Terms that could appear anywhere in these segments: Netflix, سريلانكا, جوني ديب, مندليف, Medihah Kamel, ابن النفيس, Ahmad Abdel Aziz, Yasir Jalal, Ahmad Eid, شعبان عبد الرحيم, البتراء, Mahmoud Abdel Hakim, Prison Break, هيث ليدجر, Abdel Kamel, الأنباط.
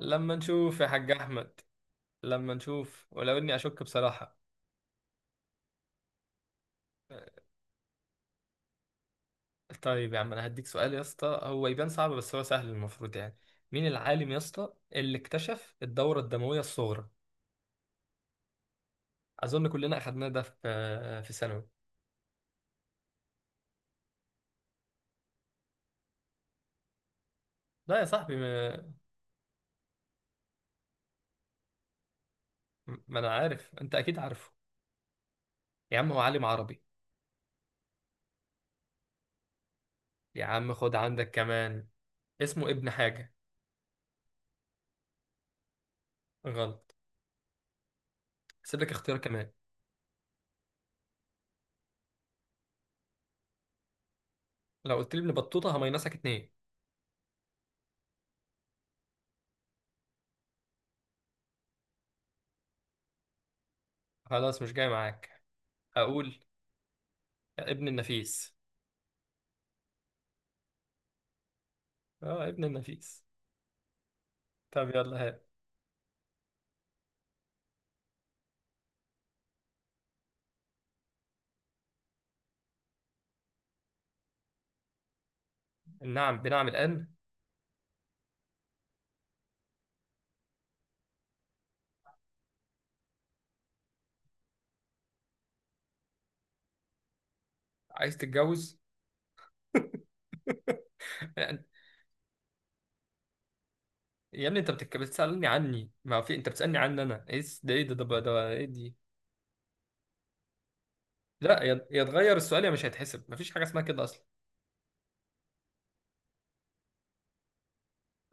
لما نشوف يا حاج احمد، لما نشوف ولو اني اشك بصراحه. طيب يا عم انا هديك سؤال يا اسطى، هو يبان صعب بس هو سهل المفروض يعني. مين العالم يا اسطى اللي اكتشف الدوره الدمويه الصغرى؟ اظن كلنا اخدناه ده في ثانوي. لا يا صاحبي. ما انا عارف انت اكيد عارفه. يا عم هو عالم عربي. يا عم خد عندك كمان، اسمه ابن حاجه. غلط. هسيب لك اختيار كمان. لو قلت لي ابن بطوطه هميناسك اتنين. خلاص مش جاي معاك. اقول ابن النفيس. اه ابن النفيس. طب يلا ها. نعم بنعم الآن. عايز تتجوز؟ يعني- يا ابني انت بتسألني عني. ما في، انت بتسألني عني انا، ايه ده؟ ايه ده ايه دي؟ لا، يا اتغير السؤال يا، مش هيتحسب. مفيش حاجة اسمها كده اصلا.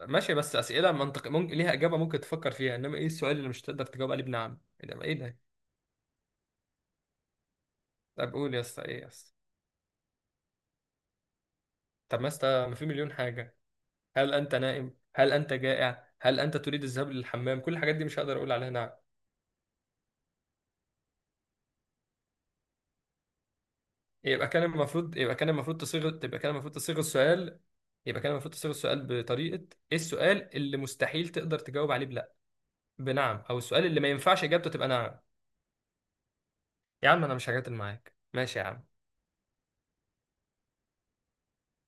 ماشي، بس أسئلة منطق ممكن ليها إجابة، ممكن تفكر فيها. انما ايه السؤال اللي مش تقدر تجاوب عليه بنعم؟ ايه ده؟ ايه ده؟ طب قول يا اسطى، ايه يا اسطى؟ طب ما اسطى ما في مليون حاجة. هل انت نائم؟ هل انت جائع؟ هل انت تريد الذهاب للحمام؟ كل الحاجات دي مش هقدر اقول عليها نعم. يبقى كان المفروض تصيغ تبقى كان المفروض تصيغ السؤال. يبقى كان المفروض تصيغ السؤال بطريقة. ايه السؤال اللي مستحيل تقدر تجاوب عليه بنعم؟ او السؤال اللي ما ينفعش اجابته تبقى نعم. يا عم انا مش هجادل معاك، ماشي يا عم.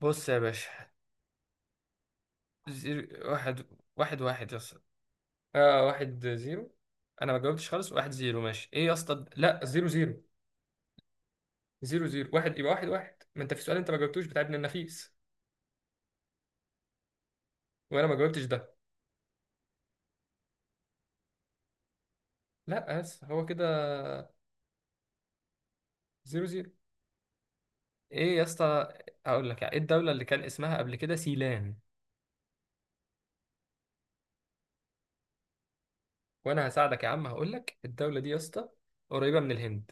بص يا باشا، زيرو واحد. واحد واحد يا اسطى. اه واحد زيرو. انا ما جاوبتش خالص، واحد زيرو؟ ماشي ايه يا اسطى؟ لا زيرو زيرو. زيرو زيرو واحد يبقى واحد واحد. ما انت في سؤال انت ما جاوبتوش بتاع ابن النفيس. وانا ما جاوبتش ده. لا بس هو كده زيرو زيرو. ايه يا اسطى؟ هقول لك، يعني ايه الدولة اللي كان اسمها قبل كده سيلان؟ وانا هساعدك يا عم، هقول لك الدولة دي يا اسطى قريبة من الهند.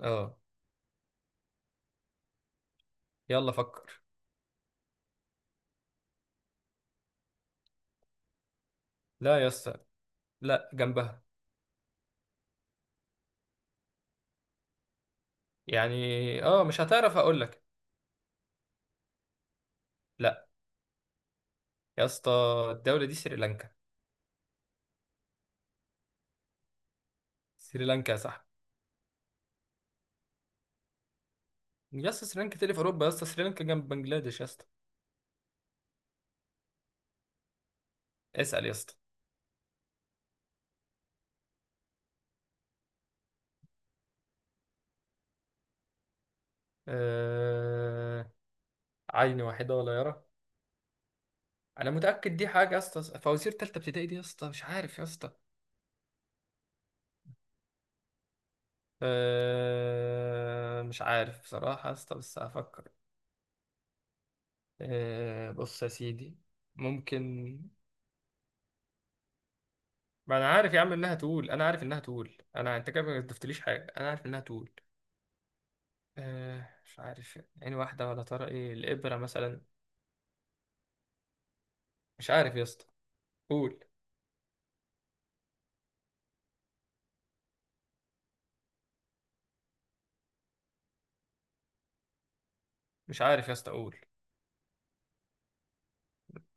اه. يلا فكر. لا يا اسطى. لا جنبها، يعني. اه مش هتعرف، هقول لك. لا يا اسطى، الدولة دي سريلانكا. سريلانكا يا صاحبي. يا اسطى سريلانكا تاني في اوروبا؟ يا اسطى سريلانكا جنب بنجلاديش يا اسطى. اسأل يا اسطى. آه... عين واحدة ولا يرى؟ انا متأكد دي حاجة يا اسطى فوازير تالتة ابتدائي دي يا اسطى، مش عارف يا اسطى. أه، مش عارف بصراحة يا اسطى، بس هفكر. أه بص يا سيدي، ممكن. ما أنا عارف يا عم إنها تقول، أنا عارف إنها تقول. أنت كده ما ضفتليش حاجة، أنا عارف إنها تقول. أه، مش عارف. عين واحدة ولا ترى، إيه، الإبرة مثلا؟ مش عارف يا اسطى، قول. مش عارف يا اسطى، قول.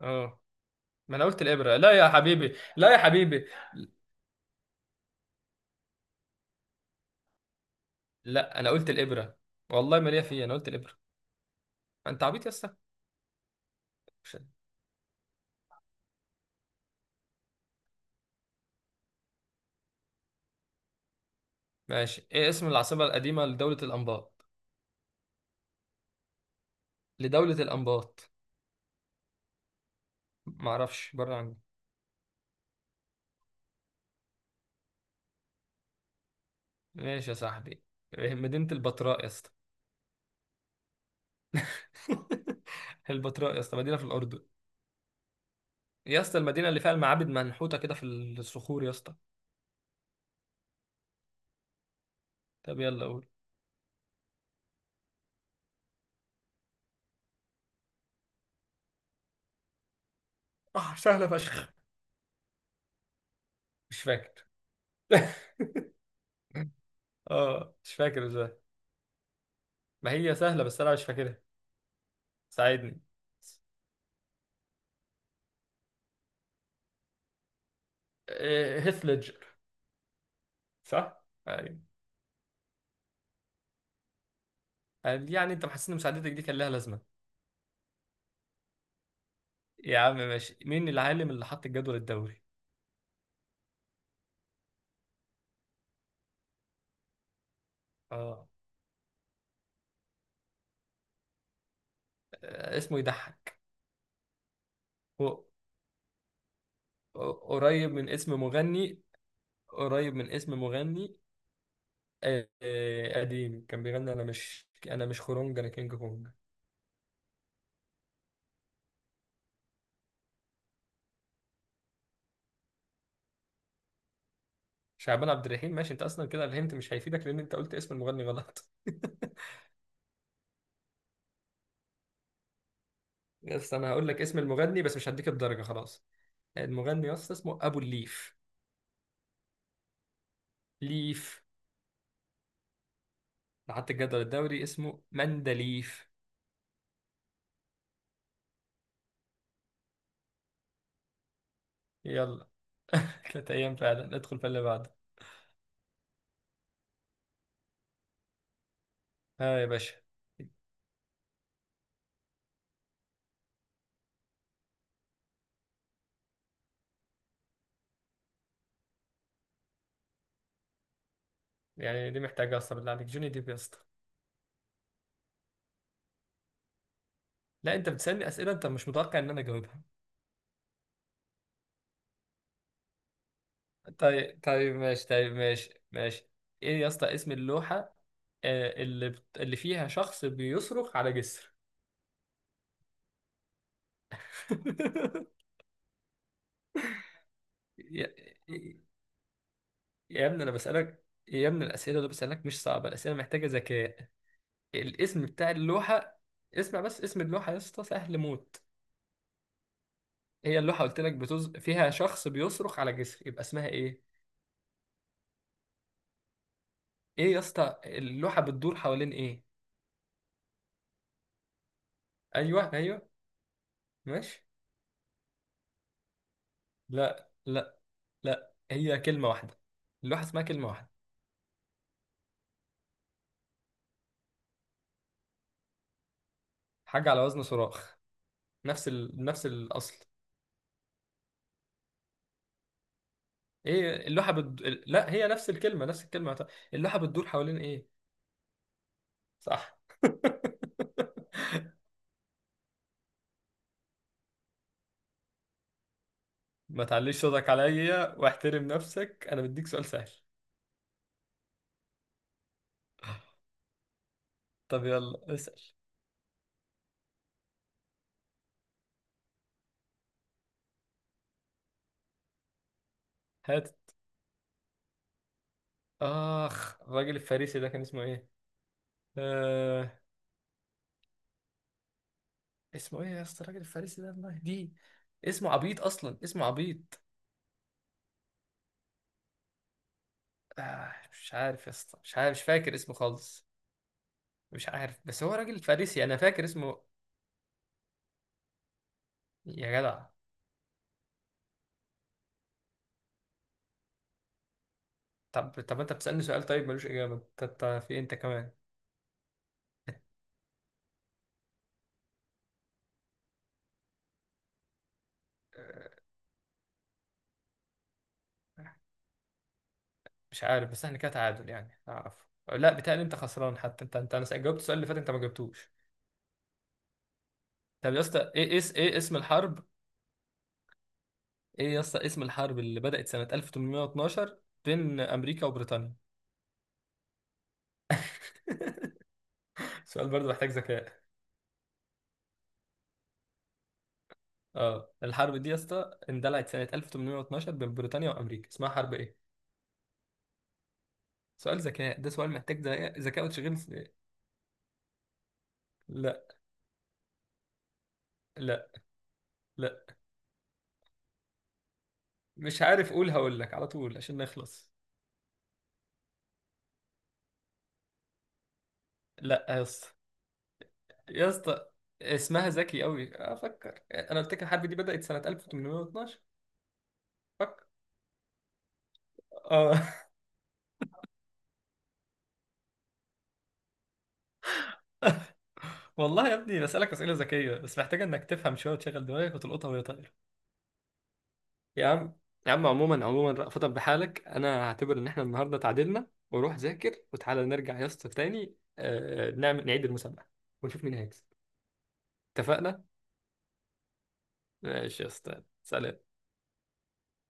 أه، ما أنا قلت الإبرة. لا يا حبيبي، لا يا حبيبي. لا، أنا قلت الإبرة. والله ما ليا فيه، أنا قلت الإبرة. أنت عبيط يا اسطى. مش- ماشي، إيه اسم العاصمة القديمة لدولة الأنباط؟ لدولة الأنباط. معرفش بره عني. ماشي يا صاحبي. إيه، مدينة البتراء يا اسطى. البتراء يا اسطى مدينة في الأردن. يا اسطى المدينة اللي فيها المعابد منحوتة كده في الصخور يا اسطى. طب يلا قول. اه سهلة فشخ. مش فاكر. اه مش فاكر ازاي. ما هي سهلة بس أنا مش فاكرها. ساعدني. هيث ليدجر. صح؟ أيوة. يعني أنت محسس إن مساعدتك دي كان لها لازمة. يا عم ماشي. مين العالم اللي حط الجدول الدوري؟ اه. اسمه يضحك. هو قريب من اسم مغني. قريب من اسم مغني. قديم كان بيغني انا مش، خرونج انا كينج كونج. شعبان عبد الرحيم. ماشي، انت اصلا كده الهنت مش هيفيدك، لان انت قلت اسم المغني غلط. بس انا هقول لك اسم المغني، بس مش هديك الدرجه خلاص. المغني يا اسطى اسمه ابو الليف. ليف. لحد الجدول الدوري اسمه مندليف. يلا. ثلاث ايام فعلا، ندخل في اللي بعده. ها يا باشا. يعني دي محتاجه اصلا؟ بالله عليك، جوني ديب يا اسطى. لا انت بتسألني اسئله انت مش متوقع ان انا اجاوبها. طيب طيب ماشي، طيب ماشي ماشي. ايه يا اسطى اسم اللوحه، اللي اللي فيها شخص بيصرخ على جسر؟ يا... يا ابني انا بسألك يا ابني، الاسئله اللي بسألك مش صعبه، الاسئله محتاجه ذكاء. الاسم بتاع اللوحه. اسمع بس، اسم اللوحه يا اسطى سهل موت. هي اللوحه قلت لك فيها شخص بيصرخ على جسر، يبقى اسمها ايه؟ ايه يا اسطى اللوحه بتدور حوالين ايه؟ ايوه ايوه، ماشي. لا لا. لا هي كلمة واحدة. اللوحة اسمها كلمة واحدة. حاجة على وزن صراخ. نفس الأصل. ايه اللوحة لا هي نفس الكلمة، نفس الكلمة اللوحة بتدور حوالين ايه؟ صح. ما تعليش صوتك عليا واحترم نفسك، انا بديك سؤال سهل. طب يلا اسأل. هات. اخ، الراجل الفارسي ده كان اسمه ايه؟ آه... اسمه ايه يا اسطى الراجل الفارسي ده، الله! دي اسمه عبيط، اصلا اسمه عبيط. مش عارف يا اسطى، مش عارف، مش فاكر اسمه خالص. مش عارف بس هو راجل فارسي، انا فاكر اسمه. يا جدع. طب طب انت بتسألني سؤال طيب ملوش اجابة. انت في إيه انت كمان؟ آه، مش عارف بس احنا كده تعادل يعني اعرف. لا بتهيألي انت خسران حتى، انت انا جاوبت السؤال اللي فات، انت ما جاوبتوش. طب يا اسطى، ايه ايه اسم الحرب؟ ايه يا اسطى اسم الحرب اللي بدأت سنة 1812 بين امريكا وبريطانيا؟ سؤال برضه محتاج ذكاء. اه الحرب دي يا اسطى اندلعت سنة 1812 بين بريطانيا وامريكا، اسمها حرب ايه؟ سؤال ذكاء، ده سؤال محتاج ذكاء، ذكاء وتشغيل. لا لا. مش عارف هقول لك على طول عشان نخلص. لا يا اسطى، يا اسطى اسمها ذكي قوي، افكر، انا قلت لك الحرب دي بدأت سنة 1812، فكر. اه. والله يا ابني بسألك أسئلة ذكية بس محتاجة انك تفهم شوية وتشغل دماغك وتلقطها وهي طايرة. يا عم، يا عم عموما، عموما رأفت بحالك، انا هعتبر ان احنا النهارده تعادلنا وروح ذاكر وتعالى نرجع يا اسطى تاني، نعيد المسابقة ونشوف مين هيكسب. اتفقنا. ماشي يا اسطى، سلام.